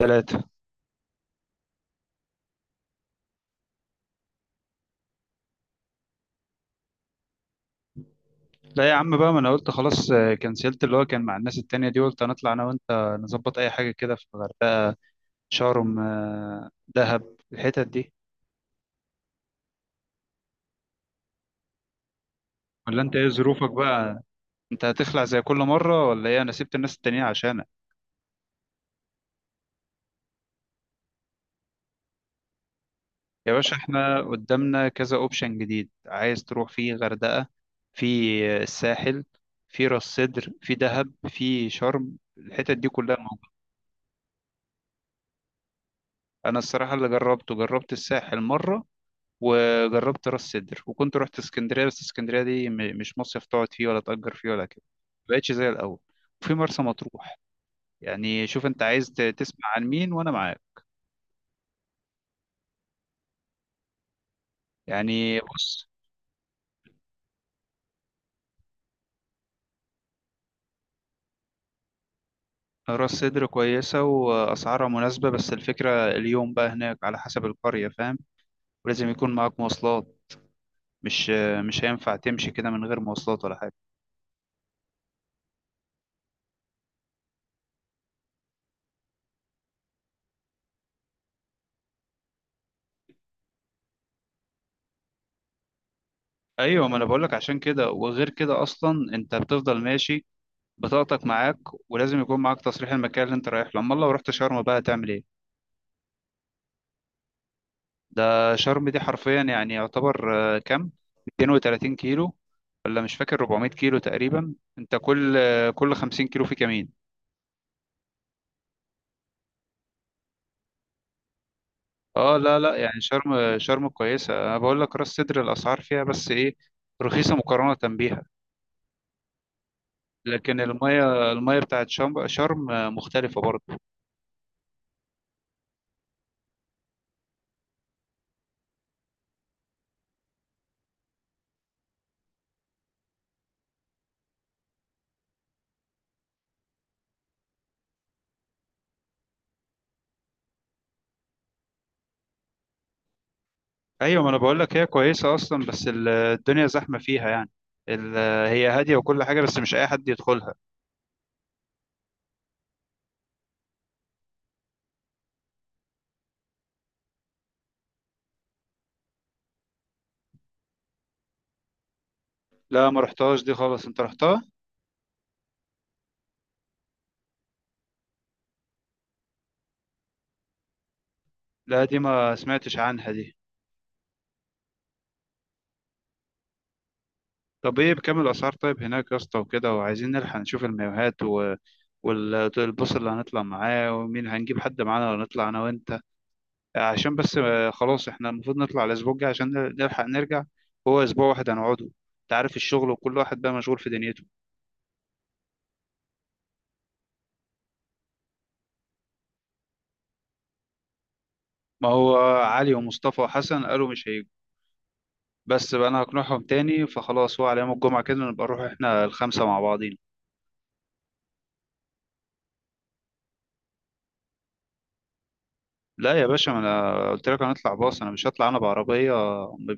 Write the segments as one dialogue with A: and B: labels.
A: ثلاثة. لا يا عم بقى، ما انا قلت خلاص، كنسلت اللي هو كان مع الناس التانية دي، قلت هنطلع انا وانت نظبط اي حاجة كده في الغردقة، شرم، دهب، الحتت دي. ولا انت ايه ظروفك بقى؟ انت هتخلع زي كل مرة ولا ايه؟ انا سبت الناس التانية عشانك. يا باشا احنا قدامنا كذا اوبشن جديد، عايز تروح فيه غردقة، في الساحل، في راس سدر، في دهب، في شرم، الحتت دي كلها موجودة. انا الصراحة اللي جربته، جربت الساحل مرة وجربت راس سدر، وكنت رحت اسكندريه، بس اسكندريه دي مش مصيف تقعد فيه ولا تأجر فيه ولا كده، مبقتش زي الاول. وفي مرسى مطروح، يعني شوف انت عايز تسمع عن مين وانا معاك. يعني بص، راس سدر كويسة وأسعارها مناسبة، بس الفكرة اليوم بقى هناك على حسب القرية، فاهم؟ ولازم يكون معاك مواصلات، مش مش هينفع تمشي كده من غير مواصلات ولا حاجة. أيوة، ما أنا بقولك عشان كده، وغير كده أصلا أنت بتفضل ماشي، بطاقتك معاك، ولازم يكون معاك تصريح المكان اللي انت رايح له. امال لو رحت شرم بقى تعمل ايه؟ ده شرم دي حرفيا يعني يعتبر كام، 230 كيلو، ولا مش فاكر، 400 كيلو تقريبا. انت كل كل 50 كيلو في كمين. اه لا لا، يعني شرم شرم كويسه، انا بقول لك راس سدر الاسعار فيها بس ايه، رخيصه مقارنه بيها. لكن الميه الميه بتاعت شرم شرم مختلفه برضه. ايوه، ما انا بقول لك هي كويسه اصلا، بس الدنيا زحمه فيها يعني. ال- هي هاديه وكل حاجه، بس مش اي حد يدخلها. لا، ما رحتهاش دي خالص، انت رحتها. لا دي ما سمعتش عنها دي. طب ايه بكام الاسعار طيب هناك يا اسطى وكده؟ وعايزين نلحق نشوف المايوهات، والبص اللي هنطلع معاه، ومين هنجيب حد معانا ولا نطلع انا وانت؟ عشان بس خلاص احنا المفروض نطلع الاسبوع الجاي عشان نلحق نرجع. هو اسبوع واحد هنقعده، انت عارف الشغل، وكل واحد بقى مشغول في دنيته. ما هو علي ومصطفى وحسن قالوا مش هيجوا، بس بقى انا هقنعهم تاني. فخلاص، هو على يوم الجمعة كده، نبقى نروح احنا الخمسة مع بعضين. لا يا باشا، ما انا قلت لك هنطلع باص، انا مش هطلع انا بعربية.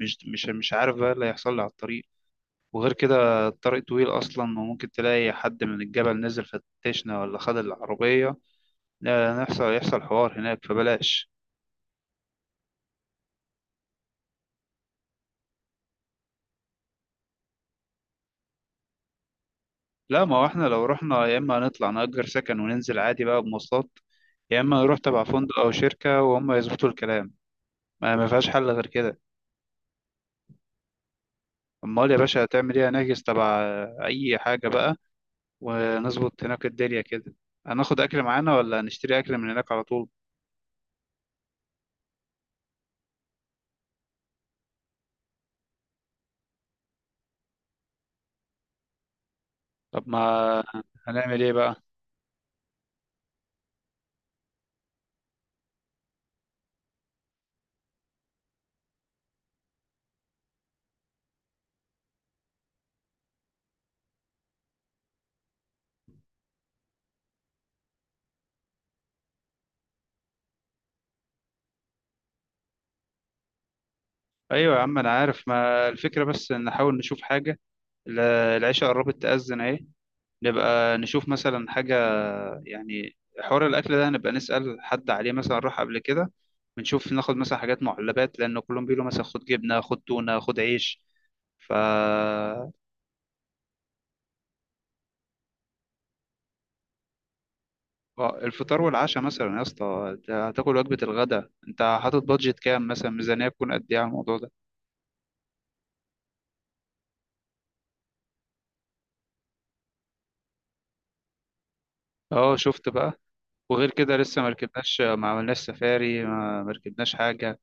A: مش عارف بقى إيه اللي هيحصل لي على الطريق، وغير كده الطريق طويل اصلا، وممكن تلاقي حد من الجبل نزل فتشنا ولا خد العربية، لا، نحصل يحصل حوار هناك فبلاش. لا، ما هو احنا لو رحنا، يا اما هنطلع نأجر سكن وننزل عادي بقى بمواصلات، يا اما نروح تبع فندق او شركة وهم يظبطوا الكلام. ما فيهاش حل غير كده. امال يا باشا هتعمل ايه؟ هنحجز تبع اي حاجه بقى، ونظبط هناك الدنيا كده. هناخد اكل معانا ولا هنشتري اكل من هناك على طول؟ طب ما هنعمل ايه بقى؟ ايوه يا عم انا عارف، ما الفكره بس إن نحاول نشوف حاجه. ال- العشاء قربت تأذن اهي، نبقى نشوف مثلا حاجه. يعني حوار الاكل ده نبقى نسأل حد عليه مثلا راح قبل كده، بنشوف ناخد مثلا حاجات معلبات، لان كلهم بيقولوا مثلا خد جبنه خد تونه خد عيش. ف الفطار والعشاء مثلا يا اسطى، أنت هتاكل وجبة الغداء، انت حاطط بادجت كام مثلا؟ ميزانية تكون قد ايه على الموضوع ده؟ اه شفت بقى؟ وغير كده لسه ما ركبناش، ما عملناش سفاري، ما ركبناش حاجة.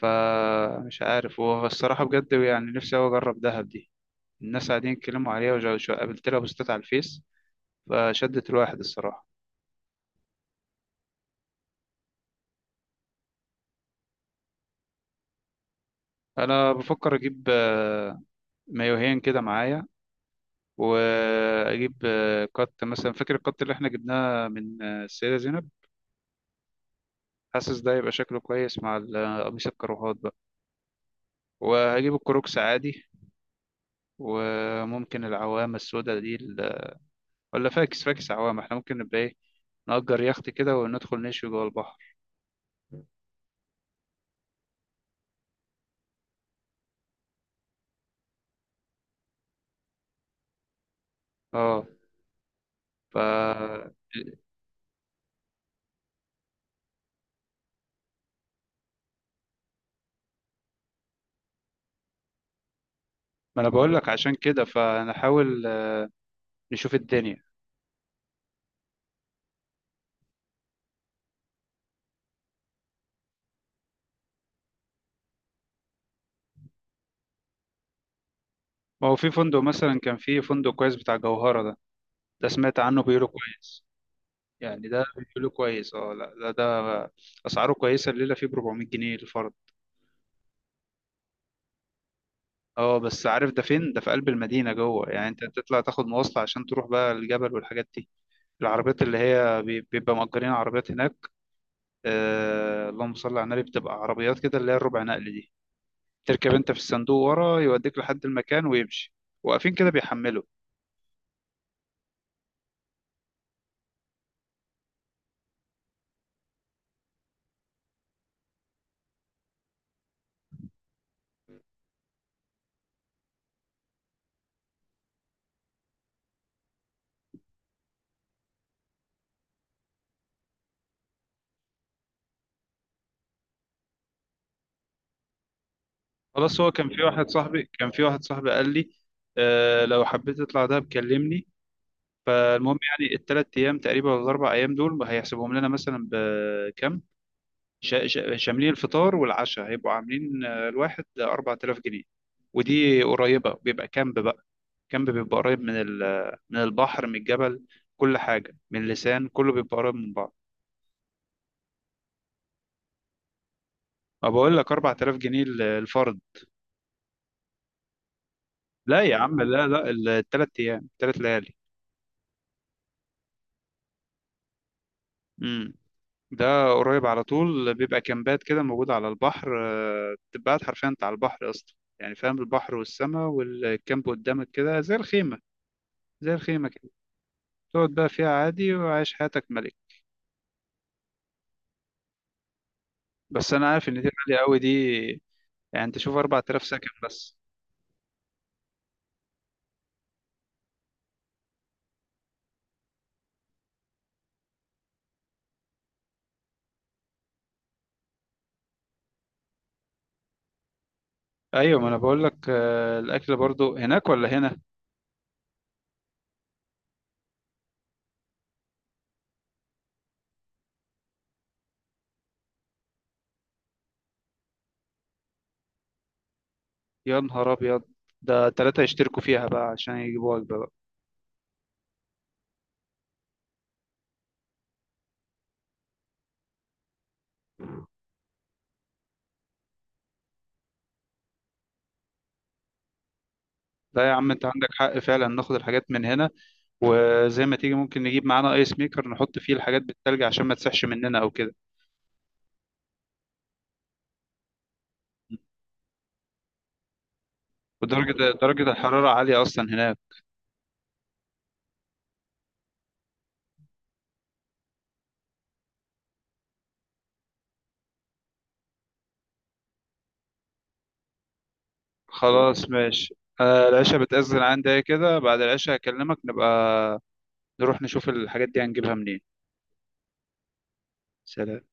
A: فمش عارف، هو الصراحة بجد يعني نفسي أوي أجرب دهب دي. الناس قاعدين يتكلموا عليها، قابلت لها بوستات على الفيس، فشدت الواحد الصراحة. أنا بفكر أجيب مايوهين كده معايا، وأجيب قط مثلا، فاكر القط اللي احنا جبناه من السيدة زينب؟ حاسس ده يبقى شكله كويس مع قميص الكروهات بقى، وهجيب الكروكس عادي. وممكن العوامة السوداء دي ولا فاكس عوامة، احنا ممكن نبقى ايه، نأجر يخت كده وندخل نشوي جوه البحر. اه. ف ما انا بقول لك عشان كده، فنحاول نشوف الدنيا. ما هو في فندق مثلا، كان في فندق كويس بتاع جوهرة ده، ده سمعت عنه بيقولوا كويس، يعني ده بيقولوا كويس. اه لا ده اسعاره كويسة، الليلة فيه ب 400 جنيه الفرد. اه بس عارف ده فين؟ ده في قلب المدينة جوه، يعني انت تطلع تاخد مواصلة عشان تروح بقى الجبل والحاجات دي. العربيات اللي هي بيبقى مأجرين عربيات هناك، آه اللهم صل على النبي، بتبقى عربيات كده اللي هي الربع نقل دي، تركب انت في الصندوق ورا يوديك لحد المكان ويمشي، واقفين كده بيحملوا. خلاص، هو كان في واحد صاحبي كان في واحد صاحبي قال لي آه لو حبيت تطلع ده بكلمني. فالمهم يعني الثلاث ايام تقريبا ولا الاربع ايام دول هيحسبهم لنا مثلا بكام؟ شاملين الفطار والعشاء، هيبقوا عاملين الواحد 4000 جنيه. ودي قريبة، بيبقى كامب بقى، كامب بيبقى قريب من من البحر، من الجبل، كل حاجة من اللسان كله بيبقى قريب من بعض. ما بقول لك 4000 جنيه الفرد. لا يا عم لا لا، الثلاث أيام، ثلاث ليالي. امم، ده قريب على طول، بيبقى كامبات كده موجودة على البحر، بتبقى قاعد حرفيا انت على البحر اصلا، يعني فاهم، البحر والسماء والكامب قدامك كده زي الخيمة، زي الخيمة. تقعد بقى فيها عادي، وعايش حياتك ملك. بس انا عارف ان دي غالية قوي دي، يعني انت شوف 4000 سكن بس. ايوه، ما انا بقول لك الاكل برضو هناك ولا هنا. يا نهار ابيض، ده ثلاثة يشتركوا فيها بقى عشان يجيبوا وجبة بقى. لا يا عم، انت عندك حق فعلا، ناخد الحاجات من هنا، وزي ما تيجي ممكن نجيب معانا ايس ميكر نحط فيه الحاجات بالتلج عشان ما تسحش مننا او كده. ودرجة درجة الحرارة عالية أصلا هناك. خلاص ماشي، آه العشاء بتأذن عندي كده، بعد العشاء هكلمك، نبقى نروح نشوف الحاجات دي هنجيبها منين. سلام.